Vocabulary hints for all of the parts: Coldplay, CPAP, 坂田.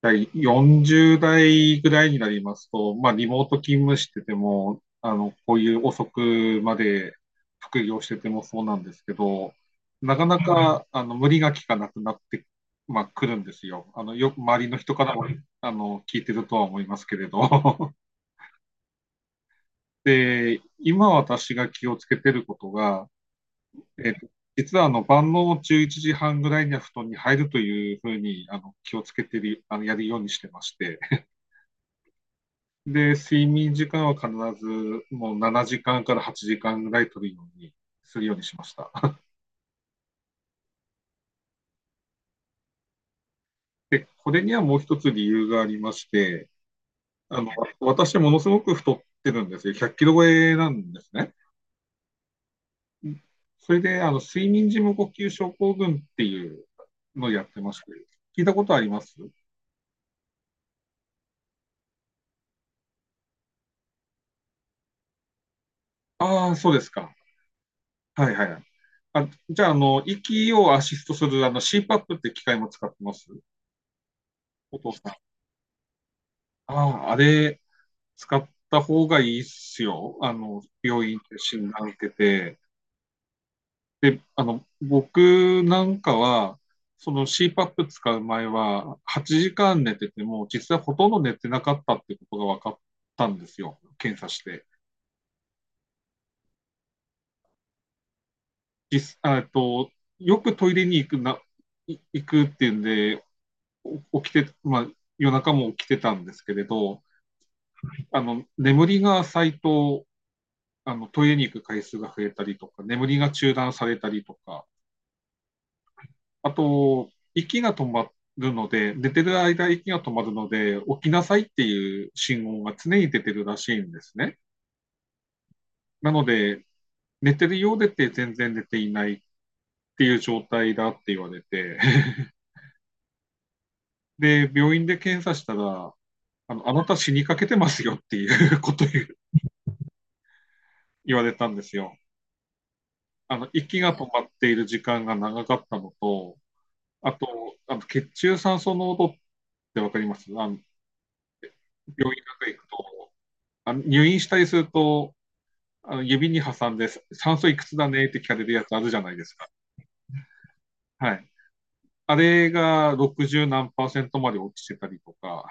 40代ぐらいになりますと、まあ、リモート勤務してても、こういう遅くまで副業しててもそうなんですけど、なかなか、無理がきかなくなって、まあ、来るんですよ。よく周りの人からも、聞いてるとは思いますけれど。で、今私が気をつけてることが、えっと、実は晩の11時半ぐらいには布団に入るというふうに気をつけてる、やるようにしてまして、で、睡眠時間は必ずもう7時間から8時間ぐらい取るようにしました。で、これにはもう一つ理由がありまして、あの、私ものすごく太ってるんですよ。100キロ超えなんですね。それで、睡眠時無呼吸症候群っていうのをやってまして、聞いたことあります？ああー、そうですか。はいはいはい。あ、じゃあ、息をアシストするCPAP って機械も使ってます？お父さん。ああー、あれ、使った方がいいっすよ。病院で診断受けて。で、僕なんかは、その CPAP 使う前は、8時間寝てても、実際ほとんど寝てなかったってことが分かったんですよ。検査して。実、あえっと、よくトイレに行くな、行くっていうんで、起きて、まあ、夜中も起きてたんですけれど、眠りが浅いと、トイレに行く回数が増えたりとか、眠りが中断されたりとか、あと、息が止まるので、寝てる間息が止まるので、起きなさいっていう信号が常に出てるらしいんですね。なので、寝てるようでって全然寝ていないっていう状態だって言われて、で、病院で検査したら、あなた死にかけてますよっていうことを言われたんですよ。息が止まっている時間が長かったのと、あと、血中酸素濃度ってわかります？病院なんか行くと、入院したりすると、指に挟んで酸素いくつだねって聞かれるやつあるじゃないですか。はい。あれが60何パーセントまで落ちてたりとか、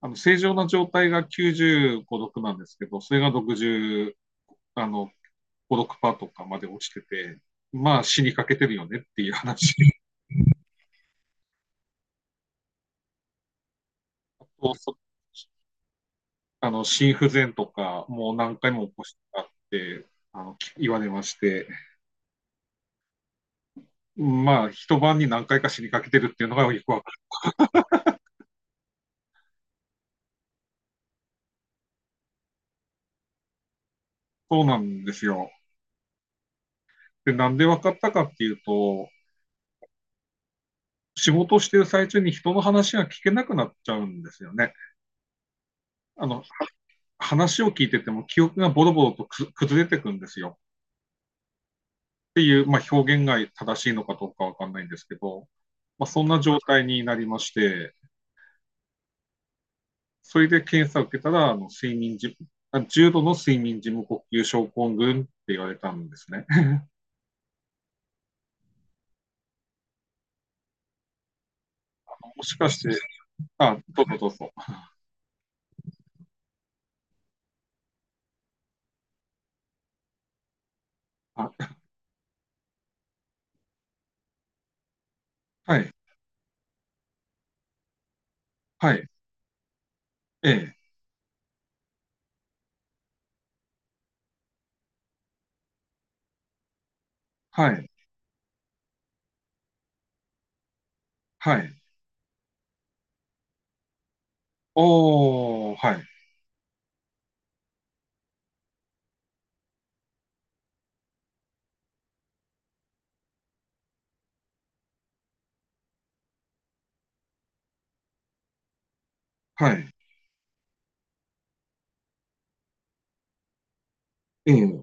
正常な状態が95、6なんですけど、それが60、あの、5、6パーとかまで落ちてて、まあ死にかけてるよねっていう話。あと、そあの、心不全とか、もう何回も起こしてあって、言われまして、まあ、一晩に何回か死にかけてるっていうのがよくわかる。そうなんですよ。で、なんで分かったかっていうと、仕事をしている最中に人の話が聞けなくなっちゃうんですよね。あの、話を聞いてても記憶がボロボロと崩れてくんですよ。っていう、まあ、表現が正しいのかどうかわかんないんですけど、まあ、そんな状態になりまして、それで検査を受けたら、あの、睡眠時、あ重度の睡眠時無呼吸症候群って言われたんですね。もしかして、あ、どうぞどうぞ。あ、はい、はい、ええ、はい、はい、おー、はい、はい。ええ、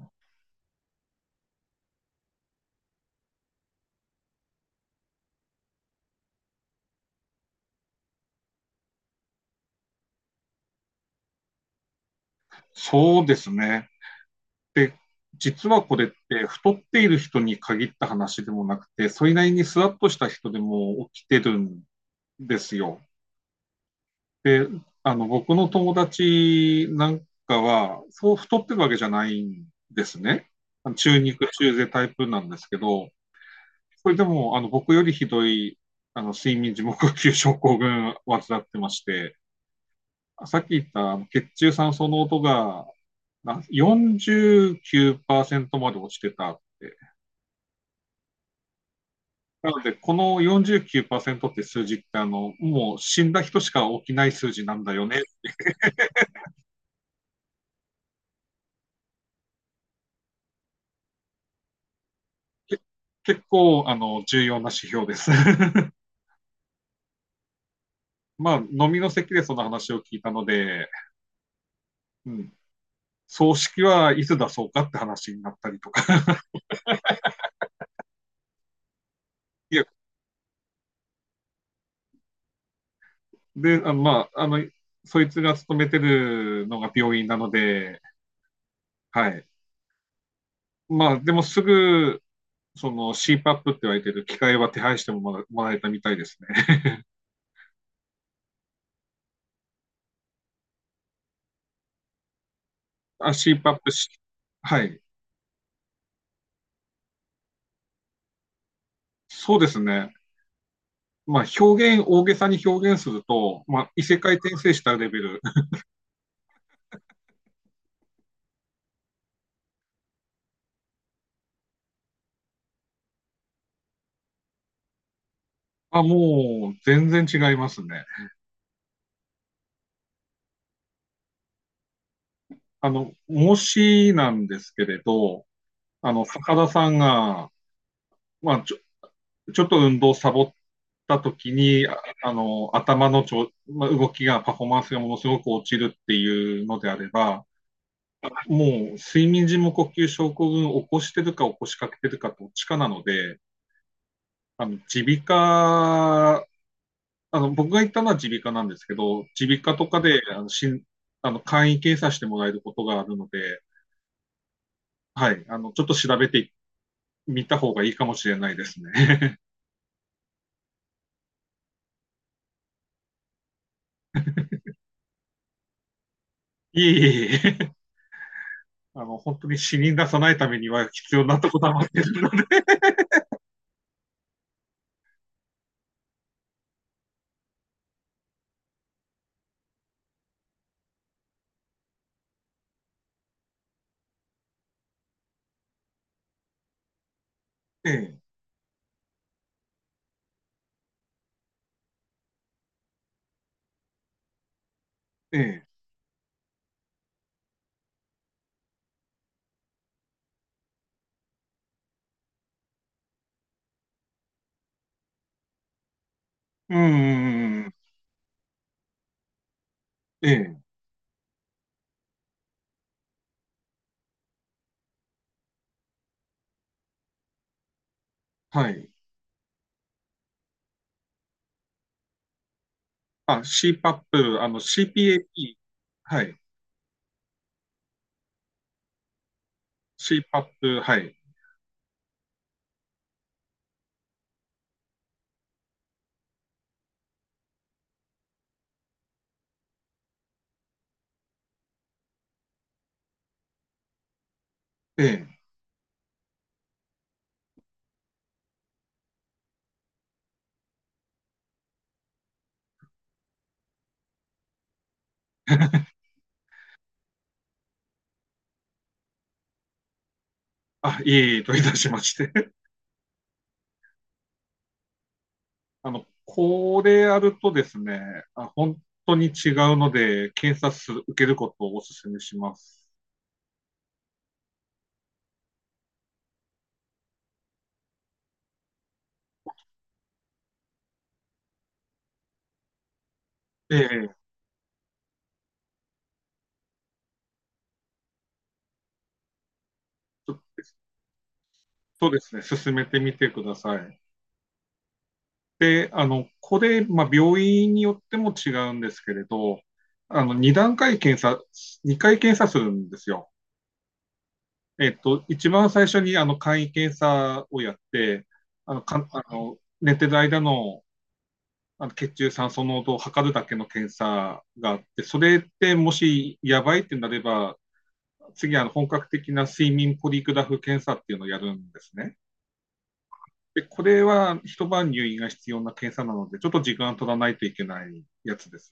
そうですね。で、実はこれって太っている人に限った話でもなくて、それなりにスワッとした人でも起きてるんですよ。で、僕の友達なんかは、そう太ってるわけじゃないんですね。中肉中背タイプなんですけど、それでも、僕よりひどい、睡眠時無呼吸症候群患ってまして、さっき言った血中酸素濃度が49%まで落ちてたって。なので、この49%って数字って、もう死んだ人しか起きない数字なんだよね。結構、重要な指標です。まあ、飲みの席でその話を聞いたので、うん、葬式はいつ出そうかって話になったりとか。いや、で、まあ、そいつが勤めてるのが病院なので、はい。まあ、でもすぐ、その c パップって言われてる機械は手配してももらえたみたいですね。あ、c パップし、はい。そうですね。まあ、大げさに表現すると、まあ、異世界転生したレベル。あ、もう、全然違いますね。もしなんですけれど、坂田さんが、まあ、ちょっと運動をサボった時に、頭のまあ、動きが、パフォーマンスがものすごく落ちるっていうのであれば、もう睡眠時無呼吸症候群を起こしてるか起こしかけてるかどっちかなので、あの、耳鼻科、あの、僕が行ったのは耳鼻科なんですけど、耳鼻科とかで、あの、しん、あの、簡易検査してもらえることがあるので、はい、ちょっと調べてみた方がいいかもしれないですね。いえいえいえ、本当に死に出さないためには必要なとこだまってるので、ええ、ええ、うんうんうんええ、はい。あ、c パップあの、CPAP、はい。c パッ p はい。ええ。あ、いえいえといたしまして。これやるとですね、あ、本当に違うので、検査数受けることをお勧めします。ええ、ちょっとですね、進めてみてください。で、これ、まあ、病院によっても違うんですけれど、2段階検査、2回検査するんですよ。一番最初に、簡易検査をやって、あの、か、あの、寝てる間の血中酸素濃度を測るだけの検査があって、それってもしやばいってなれば、次、本格的な睡眠ポリグラフ検査っていうのをやるんですね。で、これは一晩入院が必要な検査なので、ちょっと時間取らないといけないやつです。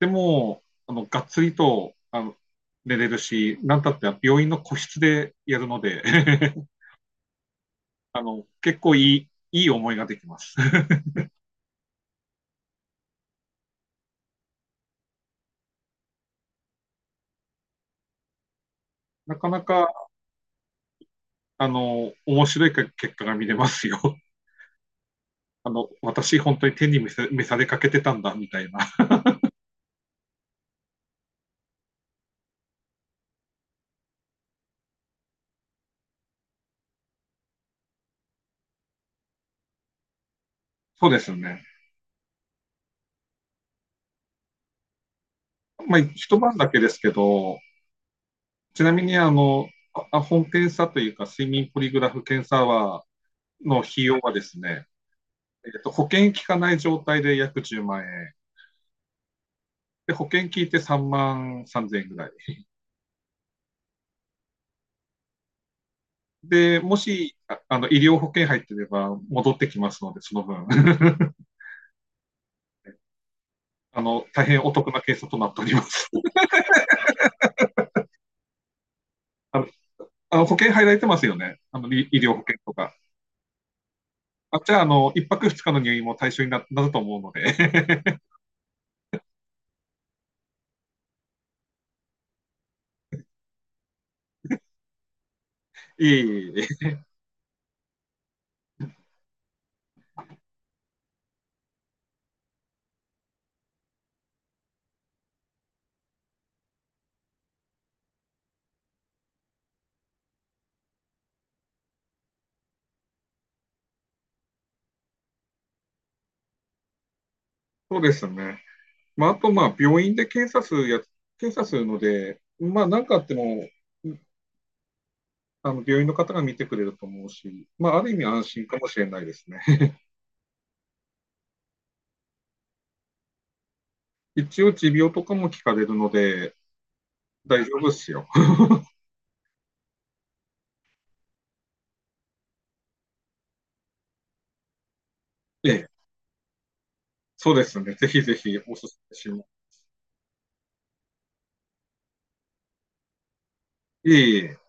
でも、がっつりと寝れるし、なんたって病院の個室でやるので 結構いい思いができます。なかなか、面白い結果が見れますよ。私本当に天に召さされかけてたんだ、みたいな。そうですよね。まあ、一晩だけですけど、ちなみに本検査というか、睡眠ポリグラフ検査は、費用はですね、保険効かない状態で約10万円。で、保険効いて3万3千円ぐらい。で、もし、医療保険入ってれば戻ってきますので、その分。大変お得な検査となっております。あの、保険入られてますよね。医療保険とか。あ、じゃあ、一泊二日の入院も対象になると思うので いえいえそうですね。まあ、あと、まあ、病院で検査するので、まあ、なんかあっても、病院の方が見てくれると思うし、まあ、ある意味安心かもしれないですね 一応、持病とかも聞かれるので、大丈夫ですよ ええ、そうですね。ぜひぜひ、おすすめします。いえいえ。